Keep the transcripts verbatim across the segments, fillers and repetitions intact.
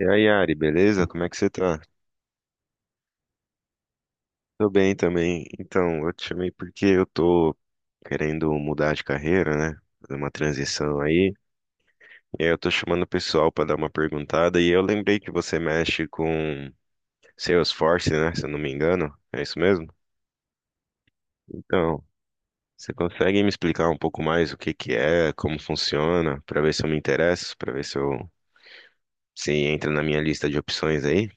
E aí, Yari, beleza? Como é que você tá? Tô bem também. Então, eu te chamei porque eu tô querendo mudar de carreira, né? Fazer uma transição aí. E aí eu tô chamando o pessoal pra dar uma perguntada. E eu lembrei que você mexe com Salesforce, né? Se eu não me engano. É isso mesmo? Então, você consegue me explicar um pouco mais o que que é, como funciona, pra ver se eu me interesso, pra ver se eu se entra na minha lista de opções aí?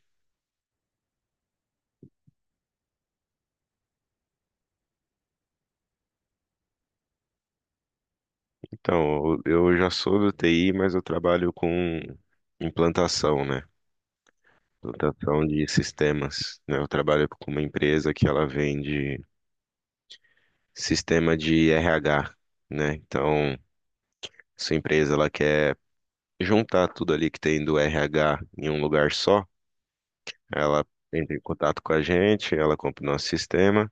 Então, eu eu já sou do T I, mas eu trabalho com implantação, né? Implantação de sistemas, né? Eu trabalho com uma empresa que ela vende sistema de R H, né? Então, sua empresa ela quer juntar tudo ali que tem do R H em um lugar só. Ela entra em contato com a gente, ela compra o nosso sistema.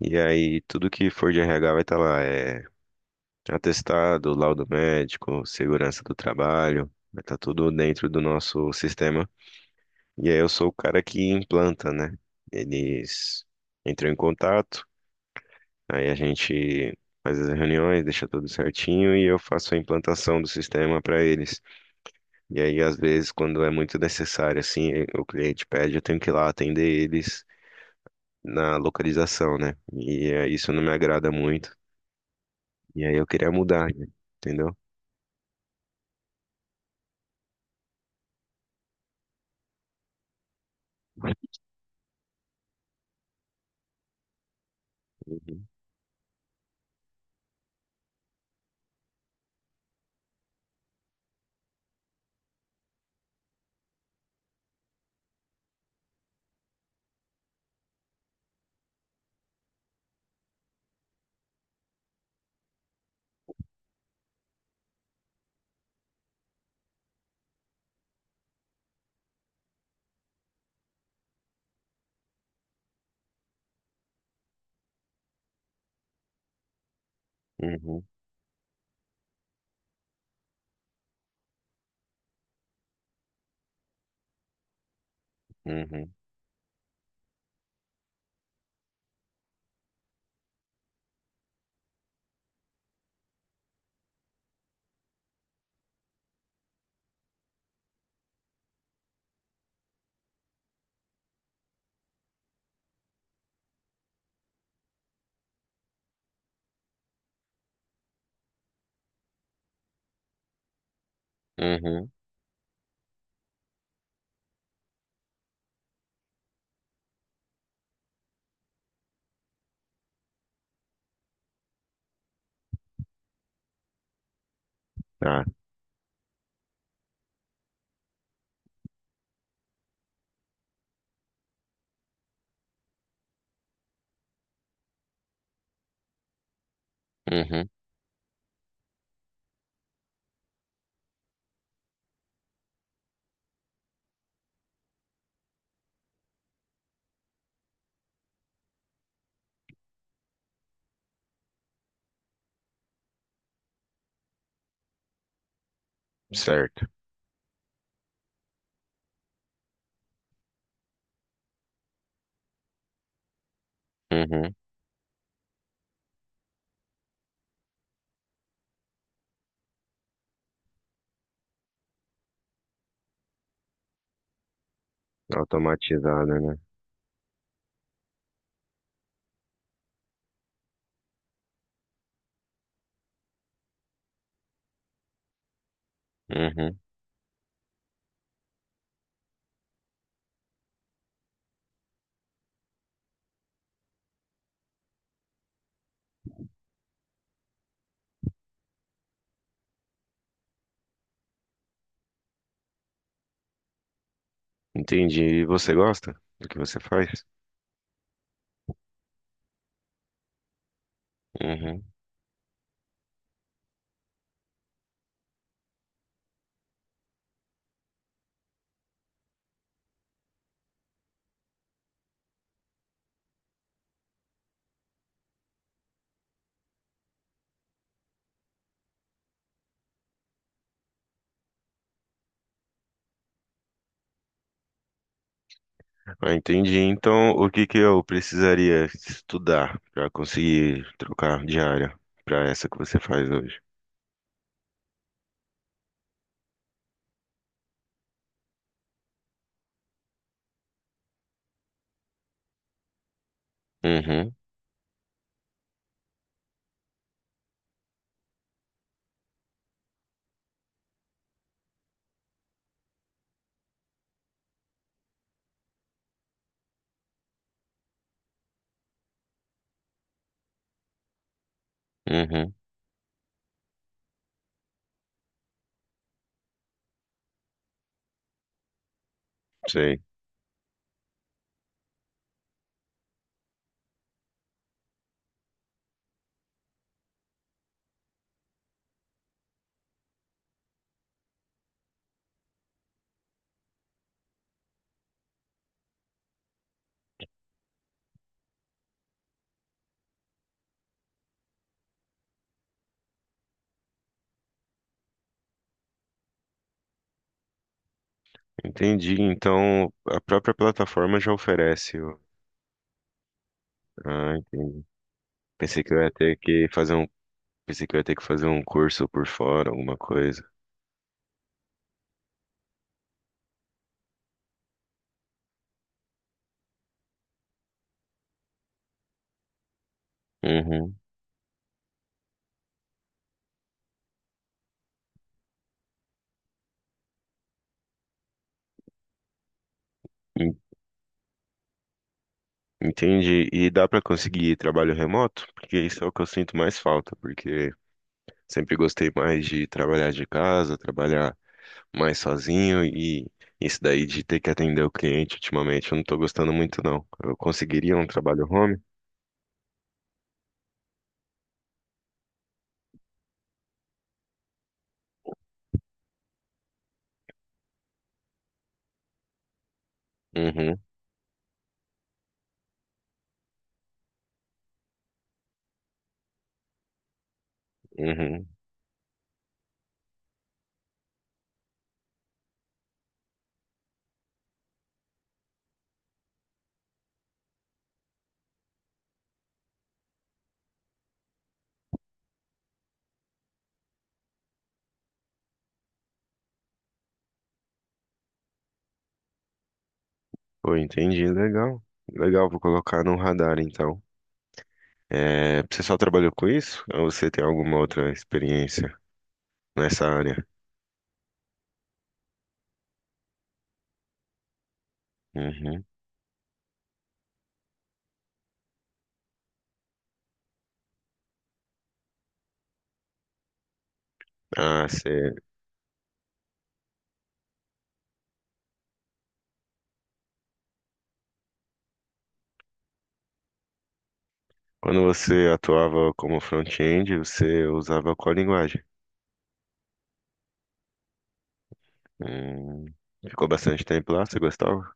E aí, tudo que for de R H vai estar lá, é atestado, laudo médico, segurança do trabalho, vai estar tudo dentro do nosso sistema. E aí eu sou o cara que implanta, né? Eles entram em contato, aí a gente faz as reuniões, deixa tudo certinho e eu faço a implantação do sistema para eles. E aí, às vezes, quando é muito necessário, assim, eh, o cliente pede, eu tenho que ir lá atender eles na localização, né? E eh, isso não me agrada muito. E aí eu queria mudar, né? Entendeu? Uhum, uhum, uhum, uhum. Tá, uhum, certo. Uhum, automatizada, né? Uhum. Entendi. E você gosta do que você faz? Uhum. Ah, entendi. Então, o que que eu precisaria estudar para conseguir trocar de área para essa que você faz hoje? Uhum, uhum, sei. Entendi. Então, a própria plataforma já oferece. o- Ah, entendi. Pensei que eu ia ter que fazer um, Pensei que eu ia ter que fazer um curso por fora, alguma coisa. Uhum. en- Entendi. E dá para conseguir trabalho remoto? Porque isso é o que eu sinto mais falta, porque sempre gostei mais de trabalhar de casa, trabalhar mais sozinho e isso daí de ter que atender o cliente ultimamente, eu não tô gostando muito não. Eu conseguiria um trabalho home? Uhum, uhum. Pô, entendi, legal. Legal, vou colocar no radar então. É, você só trabalhou com isso? Ou você tem alguma outra experiência nessa área? Uhum. Ah, você... Quando você atuava como front-end, você usava qual linguagem? Hum. Ficou bastante tempo lá, você gostava?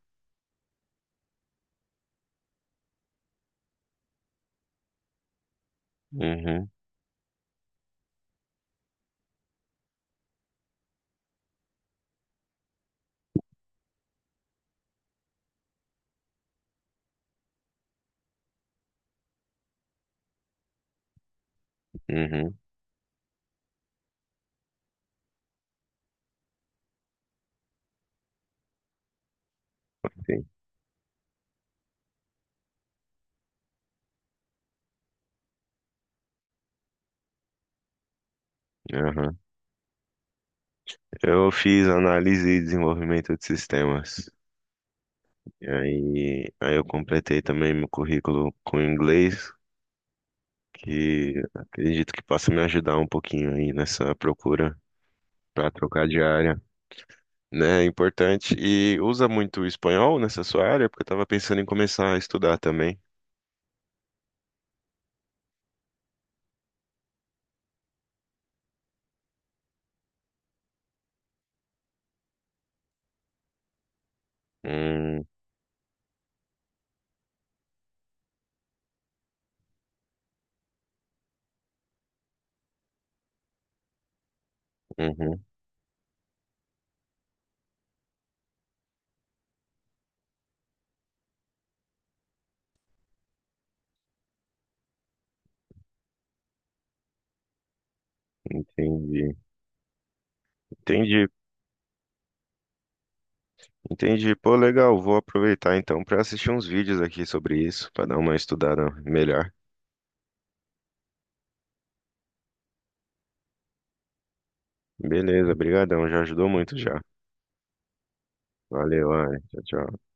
Uhum. Uhum, sim. Aham. Eu fiz análise e desenvolvimento de sistemas. E aí, aí eu completei também meu currículo com inglês, que acredito que possa me ajudar um pouquinho aí nessa procura para trocar de área, né? É importante. E usa muito espanhol nessa sua área, porque eu estava pensando em começar a estudar também. Hum, uhum, entendi. Entendi, entendi. Pô, legal, vou aproveitar então para assistir uns vídeos aqui sobre isso, para dar uma estudada melhor. Beleza, brigadão, já ajudou muito já. Valeu, Ana. Tchau, tchau.